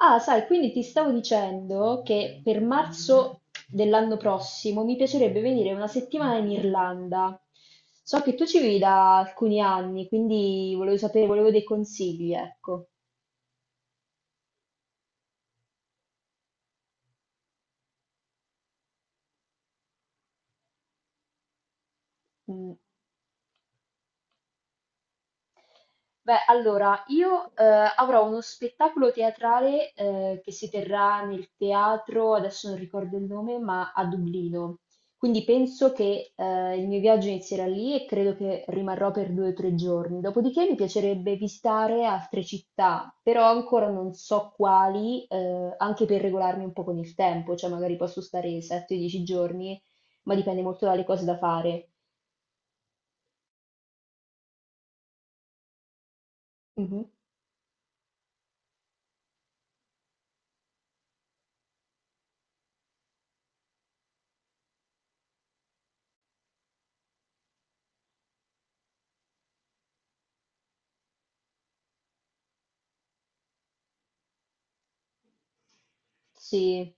Ah, sai, quindi ti stavo dicendo che per marzo dell'anno prossimo mi piacerebbe venire una settimana in Irlanda. So che tu ci vivi da alcuni anni, quindi volevo sapere, volevo dei consigli, ecco. Mm. Beh, allora, io avrò uno spettacolo teatrale che si terrà nel teatro, adesso non ricordo il nome, ma a Dublino. Quindi penso che il mio viaggio inizierà lì e credo che rimarrò per 2 o 3 giorni. Dopodiché mi piacerebbe visitare altre città, però ancora non so quali, anche per regolarmi un po' con il tempo, cioè magari posso stare 7-10 giorni, ma dipende molto dalle cose da fare. Mhm. Sì.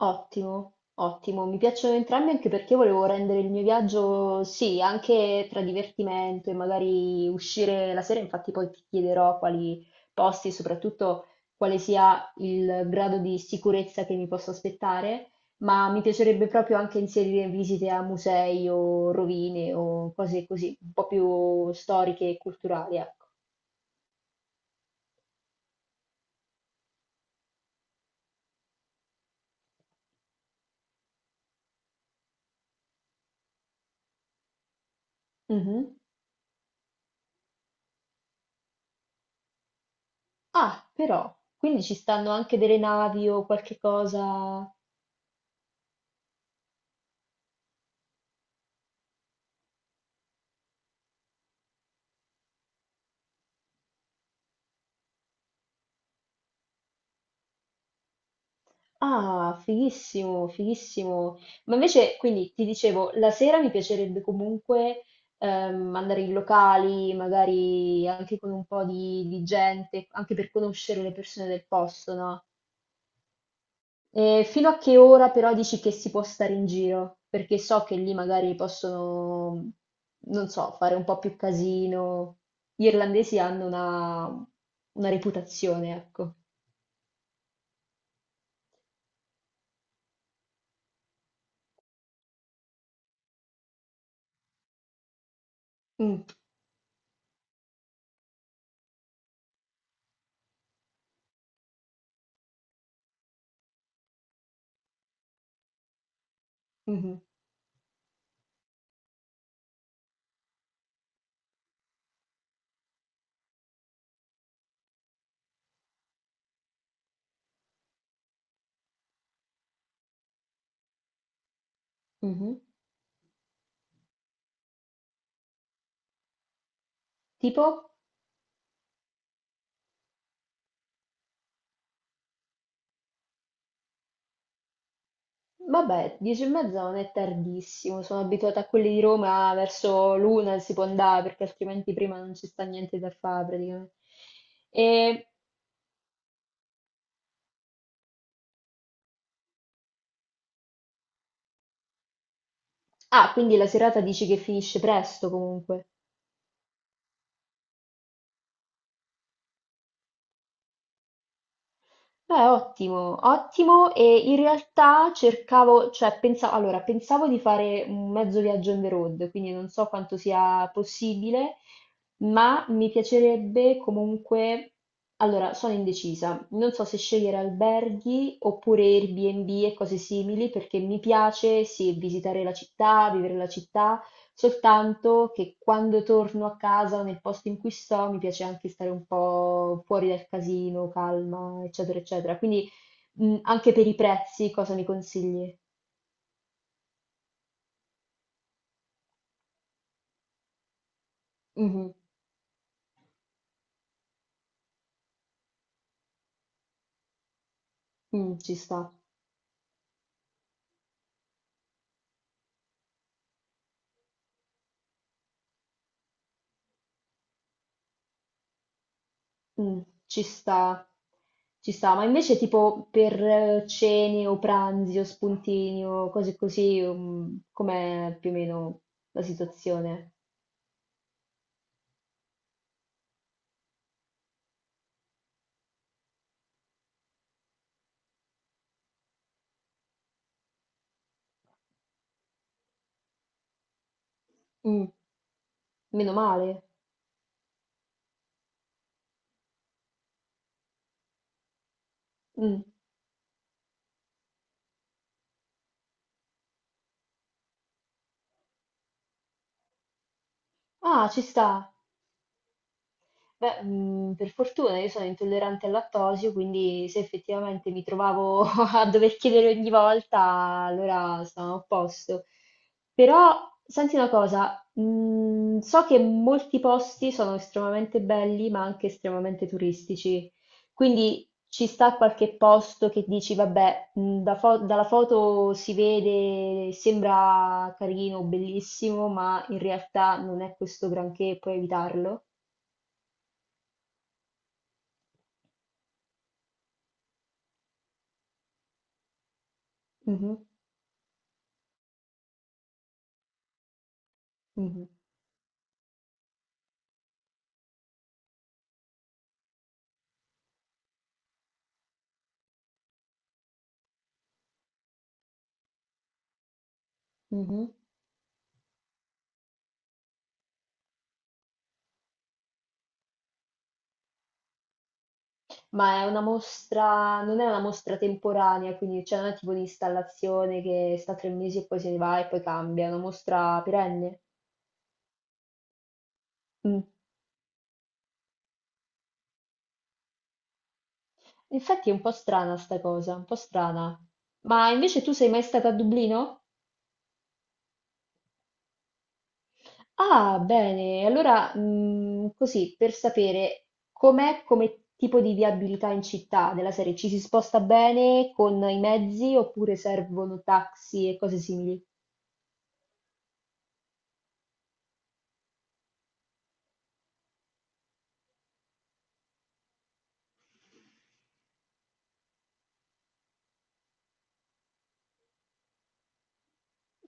Ottimo, ottimo. Mi piacciono entrambi anche perché io volevo rendere il mio viaggio, sì, anche tra divertimento e magari uscire la sera. Infatti poi ti chiederò quali posti e soprattutto quale sia il grado di sicurezza che mi posso aspettare, ma mi piacerebbe proprio anche inserire visite a musei o rovine o cose così, un po' più storiche e culturali, ecco. Mhm. Ah, però, quindi ci stanno anche delle navi o qualche cosa. Ah, fighissimo, fighissimo. Ma invece, quindi ti dicevo, la sera mi piacerebbe comunque andare in locali, magari anche con un po' di gente, anche per conoscere le persone del posto, no? E fino a che ora però dici che si può stare in giro? Perché so che lì magari possono, non so, fare un po' più casino. Gli irlandesi hanno una reputazione, ecco. Mm, mhm, mhm. Tipo? Vabbè, 10:30 non è tardissimo, sono abituata a quelli di Roma verso l'una si può andare perché altrimenti prima non ci sta niente da fare praticamente. E- Ah, quindi la serata dici che finisce presto comunque. Beh, ottimo, ottimo. E in realtà cercavo, cioè pensavo, allora, pensavo di fare un mezzo viaggio on the road, quindi non so quanto sia possibile, ma mi piacerebbe comunque, allora, sono indecisa. Non so se scegliere alberghi oppure Airbnb e cose simili, perché mi piace, sì, visitare la città, vivere la città, soltanto che quando torno a casa o nel posto in cui sto, mi piace anche stare un po' fuori dal casino, calma, eccetera, eccetera. Quindi anche per i prezzi, cosa mi consigli? Mhm, mm, ci sta, mm, ci sta, ci sta. Ma invece tipo per cene o pranzi o spuntini o cose così, com'è più o meno la situazione? Mm, meno male. Mm. Ah, ci sta. Beh, per fortuna io sono intollerante al lattosio, quindi se effettivamente mi trovavo a dover chiedere ogni volta, allora stavamo a posto. Però senti una cosa, so che molti posti sono estremamente belli, ma anche estremamente turistici. Quindi ci sta qualche posto che dici, vabbè, dalla foto si vede, sembra carino, bellissimo, ma in realtà non è questo granché, puoi evitarlo? Mh-mh. Mh-mh, mh-mh. Ma è una mostra non è una mostra temporanea, quindi cioè non è tipo un'installazione che sta 3 mesi e poi se ne va e poi cambia, è una mostra perenne? Mh. Infatti è un po' strana 'sta cosa, un po' strana. Ma invece tu sei mai stata a Dublino? Ah, bene. Allora, così, per sapere com'è come tipo di viabilità in città, della serie ci si sposta bene con i mezzi oppure servono taxi e cose simili?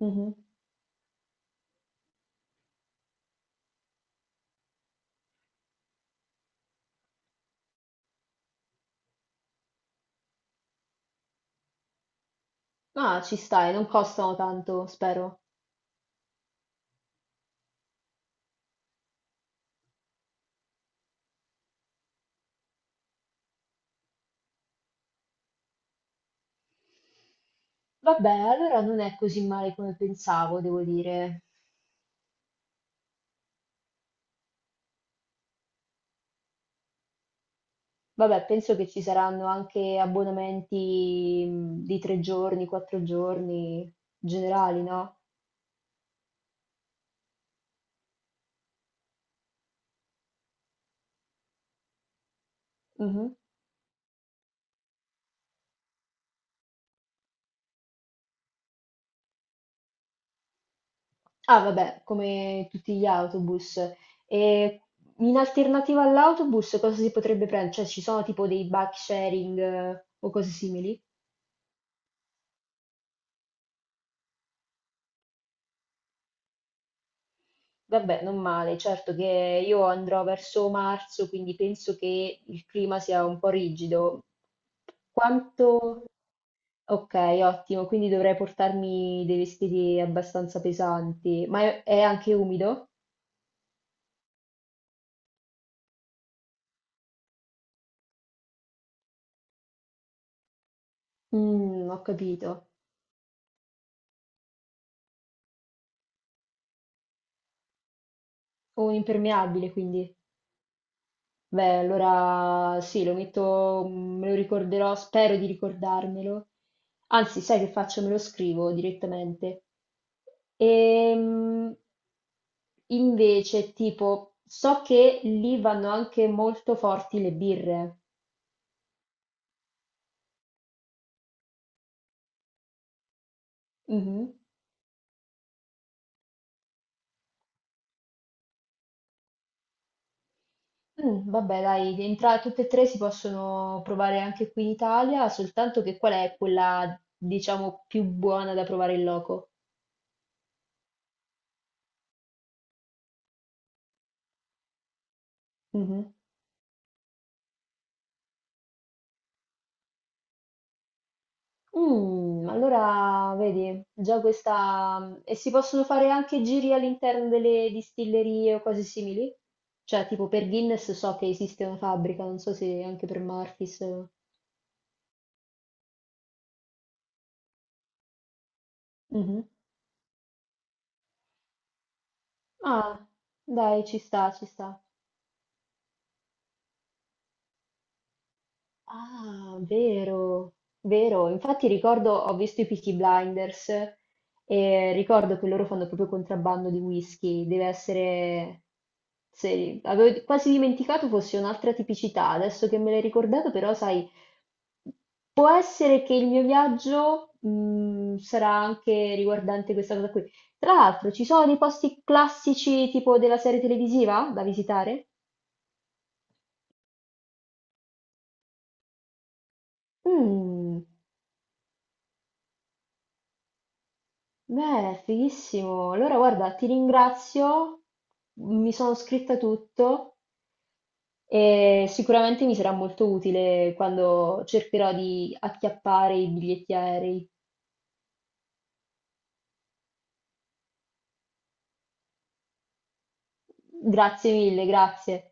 Mh-mh. Ah, ci stai, non costano tanto, spero. Vabbè, allora non è così male come pensavo, devo dire. Vabbè, penso che ci saranno anche abbonamenti di 3 giorni, 4 giorni generali, no? Mhm. Ah, vabbè, come tutti gli autobus. E in alternativa all'autobus cosa si potrebbe prendere? Cioè, ci sono tipo dei bike sharing o cose simili? Vabbè, non male, certo che io andrò verso marzo, quindi penso che il clima sia un po' rigido. Quanto... Ok, ottimo, quindi dovrei portarmi dei vestiti abbastanza pesanti, ma è anche umido? Mm, ho capito. Ho un impermeabile, quindi. Beh, allora sì, lo metto, me lo ricorderò, spero di ricordarmelo. Anzi, sai che faccio? Me lo scrivo direttamente. Ehm, Invece, tipo, so che lì vanno anche molto forti le birre. Mhm. Mm, vabbè, dai, tutte e tre si possono provare anche qui in Italia, soltanto che qual è quella, diciamo, più buona da provare in loco? Mhm. Mm, allora, vedi, già questa... E si possono fare anche giri all'interno delle distillerie o cose simili? Cioè, tipo per Guinness so che esiste una fabbrica, non so se anche per Murphy's. Mhm. Ah, dai, ci sta, ci sta. Ah, vero, vero. Infatti ricordo, ho visto i Peaky Blinders e ricordo che loro fanno proprio contrabbando di whisky. Deve essere... Avevo quasi dimenticato fosse un'altra tipicità. Adesso che me l'hai ricordato, però, sai, può essere che il mio viaggio, sarà anche riguardante questa cosa qui. Tra l'altro, ci sono dei posti classici tipo della serie televisiva da visitare? Mm. Beh, fighissimo. Allora, guarda, ti ringrazio, mi sono scritta tutto e sicuramente mi sarà molto utile quando cercherò di acchiappare i biglietti aerei. Grazie mille, grazie.